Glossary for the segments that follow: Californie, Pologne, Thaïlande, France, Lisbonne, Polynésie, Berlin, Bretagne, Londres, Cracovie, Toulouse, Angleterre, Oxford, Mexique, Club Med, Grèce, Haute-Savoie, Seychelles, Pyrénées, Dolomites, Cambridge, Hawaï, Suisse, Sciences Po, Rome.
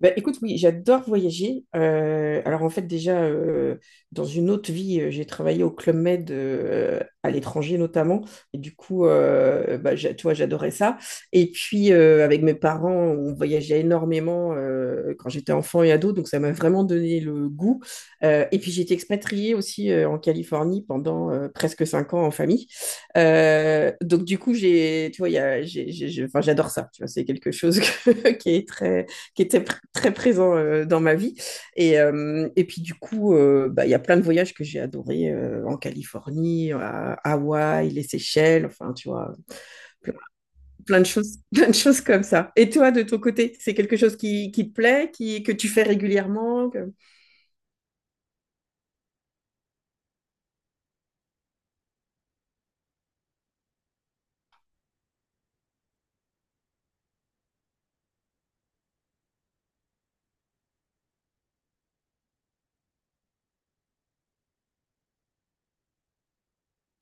Bah, écoute, oui, j'adore voyager. Alors en fait, déjà, dans une autre vie, j'ai travaillé au Club Med, à l'étranger notamment. Et du coup, tu vois, j'adorais ça. Et puis, avec mes parents, on voyageait énormément, quand j'étais enfant et ado. Donc, ça m'a vraiment donné le goût. Et puis, j'ai été expatriée aussi, en Californie pendant, presque 5 ans en famille. Tu vois, il y a- j'ai- enfin, j'adore ça. Tu vois, c'est quelque chose qui est très qui était pr- très présent, dans ma vie. Et, et puis du coup, bah, il y a plein de voyages que j'ai adorés, en Californie, à Hawaï, les Seychelles, enfin, tu vois, plein, plein de choses, plein de choses comme ça. Et toi, de ton côté, c'est quelque chose qui te plaît, qui, que tu fais régulièrement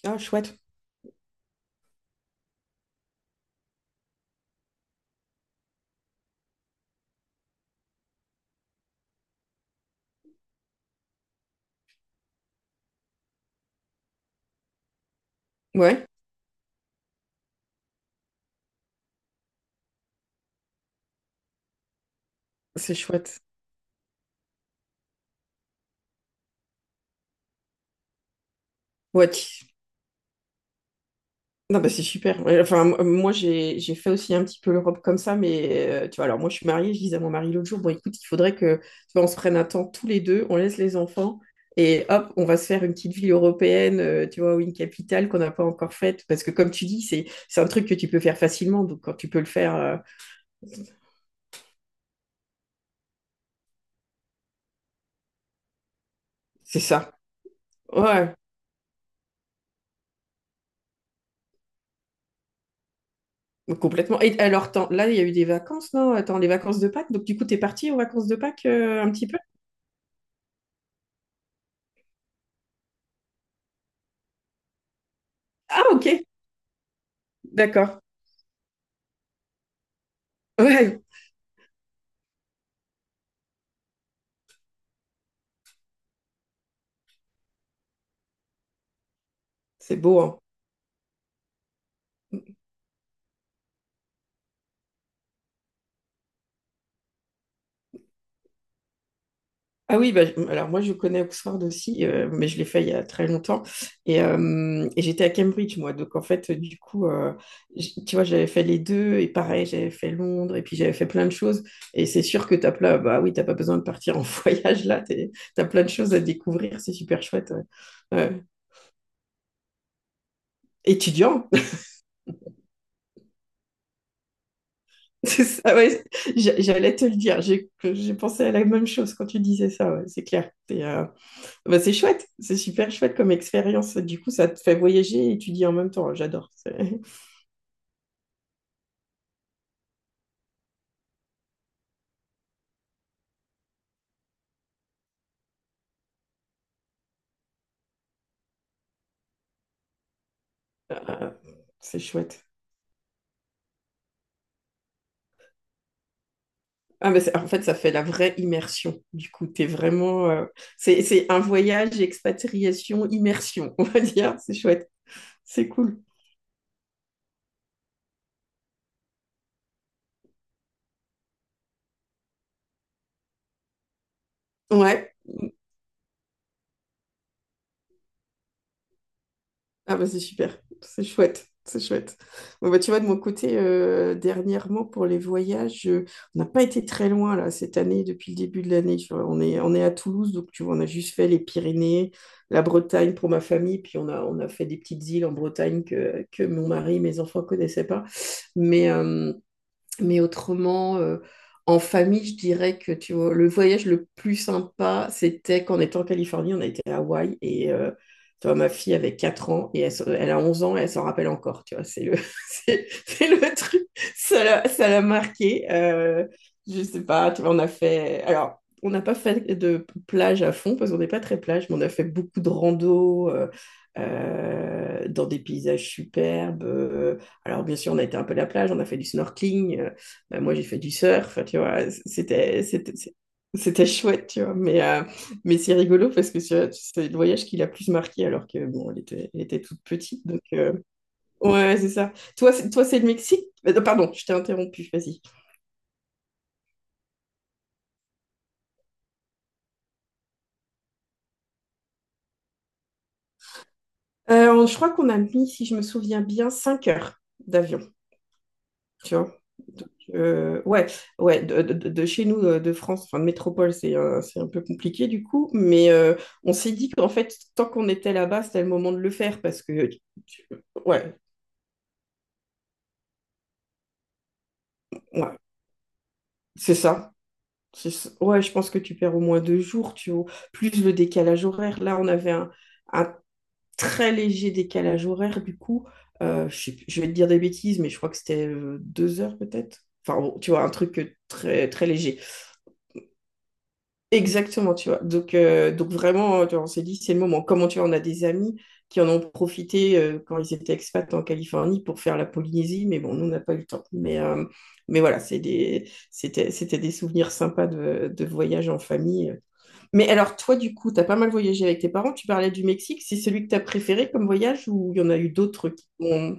Ah, chouette. Ouais, c'est chouette. Ouais, non, bah, c'est super. Ouais, enfin, moi, j'ai fait aussi un petit peu l'Europe comme ça, mais, tu vois, alors moi, je suis mariée, je disais à mon mari l'autre jour, bon, écoute, il faudrait que, tu vois, on se prenne un temps tous les deux, on laisse les enfants, et hop, on va se faire une petite ville européenne, tu vois, ou une capitale qu'on n'a pas encore faite, parce que comme tu dis, c'est un truc que tu peux faire facilement, donc quand tu peux le faire, c'est ça. Ouais, complètement. Et alors, là, il y a eu des vacances, non? Attends, les vacances de Pâques, donc du coup, t'es parti aux vacances de Pâques, un petit peu? Ah, ok, d'accord. Ouais, c'est beau, hein. Ah oui, bah, alors moi je connais Oxford aussi, mais je l'ai fait il y a très longtemps. Et, et j'étais à Cambridge, moi. Donc en fait, du coup, tu vois, j'avais fait les deux, et pareil, j'avais fait Londres, et puis j'avais fait plein de choses. Et c'est sûr que t'as plein, bah oui, t'as pas besoin de partir en voyage là, t'as plein de choses à découvrir, c'est super chouette. Ouais. Étudiant, c'est ça, ouais, j'allais te le dire, j'ai pensé à la même chose quand tu disais ça, ouais, c'est clair. Bah, c'est chouette, c'est super chouette comme expérience. Du coup, ça te fait voyager et étudier en même temps. J'adore. C'est euh, c'est chouette. Ah, mais en fait, ça fait la vraie immersion. Du coup, t'es vraiment. C'est un voyage, expatriation, immersion, on va dire. C'est chouette. C'est cool. Ouais. Ah bah c'est super, c'est chouette, c'est chouette. Bon bah tu vois, de mon côté, dernièrement pour les voyages, on n'a pas été très loin là cette année, depuis le début de l'année. Tu vois, on est à Toulouse, donc tu vois, on a juste fait les Pyrénées, la Bretagne pour ma famille, puis on a fait des petites îles en Bretagne que mon mari, mes enfants connaissaient pas. Mais, euh, mais autrement, en famille, je dirais que tu vois, le voyage le plus sympa, c'était qu'en étant en Californie, on a été à Hawaï et, tu vois, ma fille avait 4 ans et elle, elle a 11 ans et elle s'en rappelle encore, tu vois, c'est le, c'est le truc, ça l'a marqué. Je sais pas, tu vois, on a fait, alors, on n'a pas fait de plage à fond parce qu'on n'est pas très plage, mais on a fait beaucoup de rando, dans des paysages superbes. Alors, bien sûr, on a été un peu à la plage, on a fait du snorkeling, ben, moi, j'ai fait du surf, enfin, tu vois. C'était chouette, tu vois. Mais c'est rigolo parce que tu c'est le voyage qui l'a plus marqué alors que, bon, elle était toute petite. Donc, ouais, ouais, c'est ça. Toi, c'est le Mexique? Pardon, je t'ai interrompu, vas-y. Je crois qu'on a mis, si je me souviens bien, 5 heures d'avion. Tu vois? Donc, ouais, ouais, de chez nous, de France, enfin de métropole, c'est un peu compliqué du coup, mais, on s'est dit qu'en fait, tant qu'on était là-bas, c'était le moment de le faire parce que, tu- ouais, ouais, c'est ça. C'est ça. Ouais, je pense que tu perds au moins 2 jours, tu vois, plus le décalage horaire. Là, on avait un très léger décalage horaire du coup. Je vais te dire des bêtises, mais je crois que c'était, 2 heures peut-être. Enfin, bon, tu vois, un truc, très, très léger. Exactement, tu vois. Donc vraiment, tu vois, on s'est dit, c'est le moment. Comment tu vois, on a des amis qui en ont profité, quand ils étaient expats en Californie pour faire la Polynésie, mais bon, nous, on n'a pas eu le temps. Mais voilà, c'était des souvenirs sympas de voyage en famille. Mais alors, toi, du coup, tu as pas mal voyagé avec tes parents. Tu parlais du Mexique. C'est celui que tu as préféré comme voyage ou il y en a eu d'autres qui ont...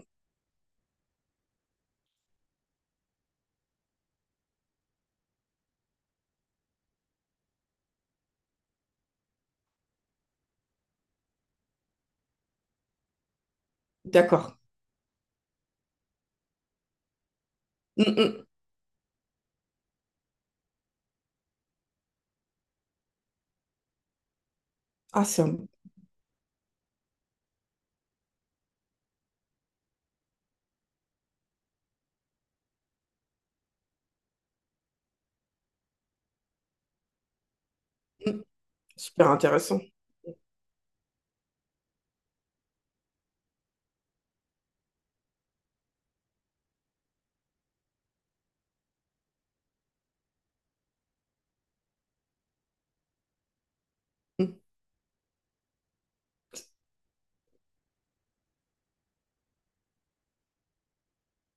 D'accord. Mm, mm. Ah, mm, super intéressant. Mm.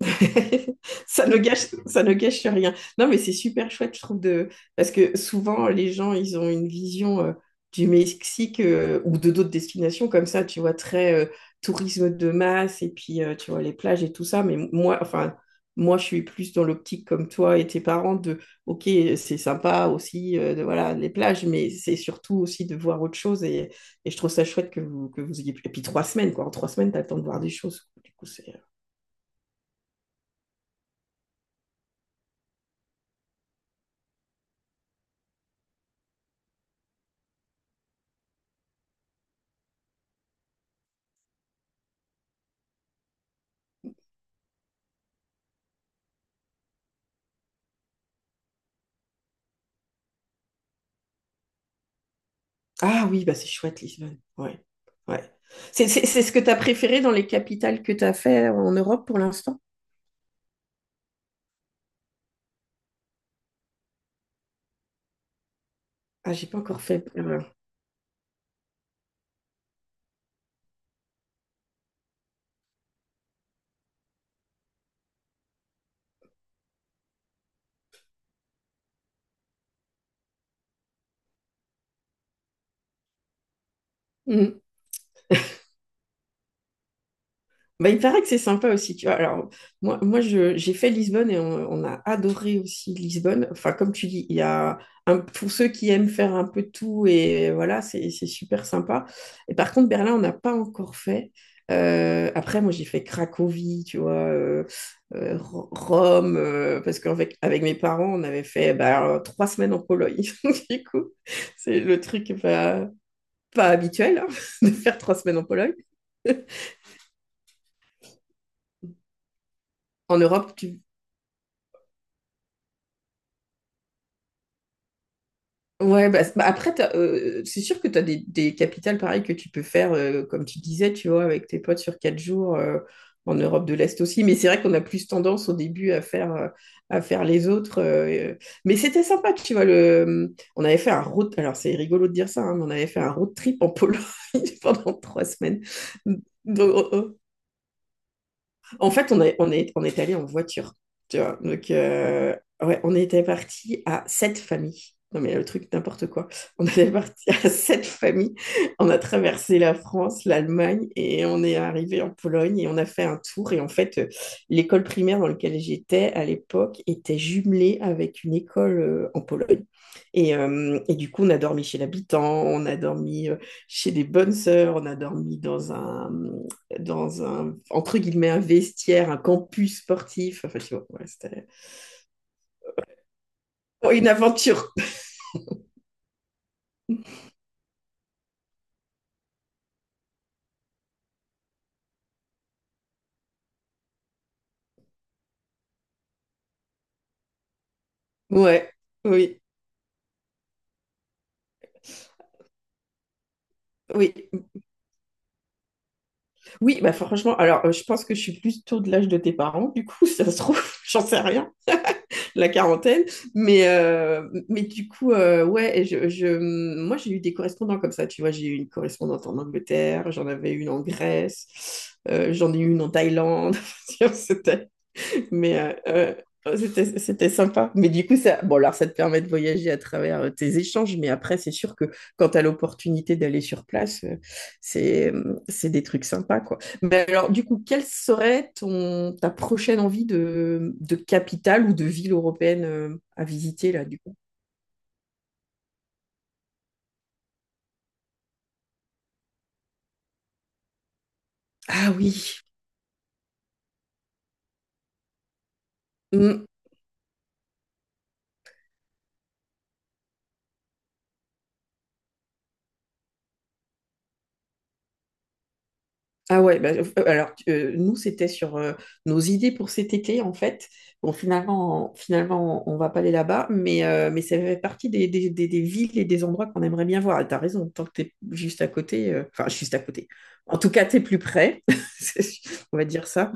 Ça ne gâche rien. Non, mais c'est super chouette, je trouve, de... parce que souvent, les gens, ils ont une vision, du Mexique, ou de d'autres destinations comme ça, tu vois, très, tourisme de masse et puis, tu vois, les plages et tout ça. Mais moi, enfin, moi, je suis plus dans l'optique comme toi et tes parents de, ok, c'est sympa aussi, de, voilà, les plages, mais c'est surtout aussi de voir autre chose. Et je trouve ça chouette que vous, ayez... Et puis, 3 semaines, quoi. En trois semaines, t'attends de voir des choses. Du coup, c'est... Ah oui, bah c'est chouette, Lisbonne. Ouais. Ouais. C'est ce que tu as préféré dans les capitales que tu as fait en Europe pour l'instant? Ah, j'ai pas encore fait. Bah, il paraît que c'est sympa aussi, tu vois. Alors, j'ai fait Lisbonne et on a adoré aussi Lisbonne. Enfin, comme tu dis, il y a pour ceux qui aiment faire un peu de tout et voilà, c'est super sympa. Et par contre, Berlin, on n'a pas encore fait. Après, moi, j'ai fait Cracovie, tu vois, Rome, parce qu'avec avec mes parents, on avait fait bah, 3 semaines en Pologne. Du coup, c'est le truc pas habituel, hein, de faire 3 semaines en Pologne. En Europe, tu Ouais, bah, bah, après, t'as, c'est sûr que tu as des capitales pareilles que tu peux faire, comme tu disais, tu vois, avec tes potes sur 4 jours, en Europe de l'Est aussi. Mais c'est vrai qu'on a plus tendance au début à faire, à faire les autres. Mais c'était sympa, tu vois. On avait fait un Alors, c'est rigolo de dire ça, hein, mais on avait fait un road trip en Pologne pendant 3 semaines. Donc, oh, oh, en fait, on est allé en voiture, tu vois. Donc, ouais, on était parti à 7 familles. Non, mais le truc, n'importe quoi. On était parti à sept familles. On a traversé la France, l'Allemagne et on est arrivé en Pologne et on a fait un tour. Et en fait, l'école primaire dans laquelle j'étais à l'époque était jumelée avec une école, en Pologne. Et, et du coup, on a dormi chez l'habitant, on a dormi, chez des bonnes sœurs, on a dormi dans un, entre guillemets, un vestiaire, un campus sportif. Enfin, je sais pas, ouais, c'était oh, une aventure. Ouais, oui. Oui, oui, bah franchement, alors, je pense que je suis plus tôt de l'âge de tes parents, du coup, ça se trouve, j'en sais rien, la quarantaine, mais du coup, ouais, moi j'ai eu des correspondants comme ça, tu vois, j'ai eu une correspondante en Angleterre, j'en avais une en Grèce, j'en ai eu une en Thaïlande, c'était Mais, euh, euh, oh, c'était sympa. Mais du coup, ça, bon, alors ça te permet de voyager à travers, tes échanges, mais après, c'est sûr que quand tu as l'opportunité d'aller sur place, c'est des trucs sympas, quoi. Mais alors, du coup, quelle serait ton, ta prochaine envie de, capitale ou de ville européenne, à visiter, là, du coup? Ah oui. Ah ouais, bah, alors, nous c'était sur, nos idées pour cet été en fait. Bon finalement on va pas aller là-bas, mais ça fait partie des, des villes et des endroits qu'on aimerait bien voir. Et t'as raison, tant que t'es juste à côté, enfin juste à côté. En tout cas, t'es plus près, C'est- on va dire ça,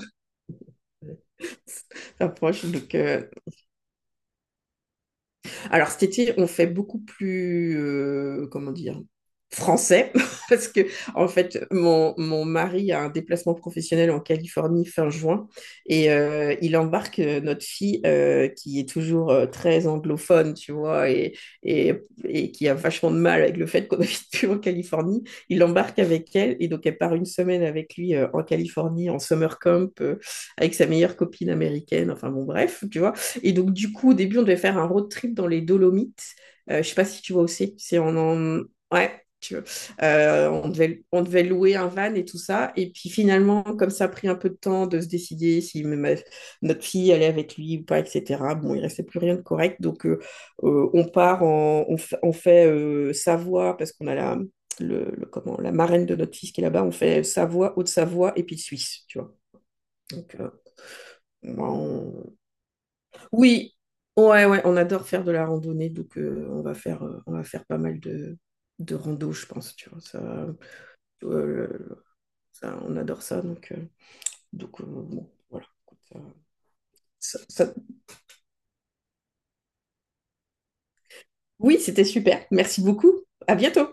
t'approches. Donc, alors cet été, on fait beaucoup plus, comment dire, français, parce que en fait, mon mari a un déplacement professionnel en Californie fin juin et, il embarque, notre fille, qui est toujours, très anglophone, tu vois, et, et qui a vachement de mal avec le fait qu'on habite plus en Californie. Il l'embarque avec elle et donc elle part une semaine avec lui, en Californie, en summer camp, avec sa meilleure copine américaine, enfin bon, bref, tu vois. Et donc, du coup, au début, on devait faire un road trip dans les Dolomites. Je ne sais pas si tu vois aussi. Ouais, tu vois. On devait louer un van et tout ça. Et puis finalement, comme ça a pris un peu de temps de se décider si notre fille allait avec lui ou pas, etc. Bon, il restait plus rien de correct. Donc, on part en... On fait, Savoie parce qu'on a la... Comment, la marraine de notre fils qui est là-bas, on fait Savoie, Haute-Savoie et puis Suisse, tu vois. Donc, on, oui, ouais, ouais, on adore faire de la randonnée, donc, on va faire pas mal de rando, je pense, tu vois. Le- ça, on adore ça, donc, donc, bon, voilà. Écoute, ça- ça- ça- oui, c'était super. Merci beaucoup. À bientôt.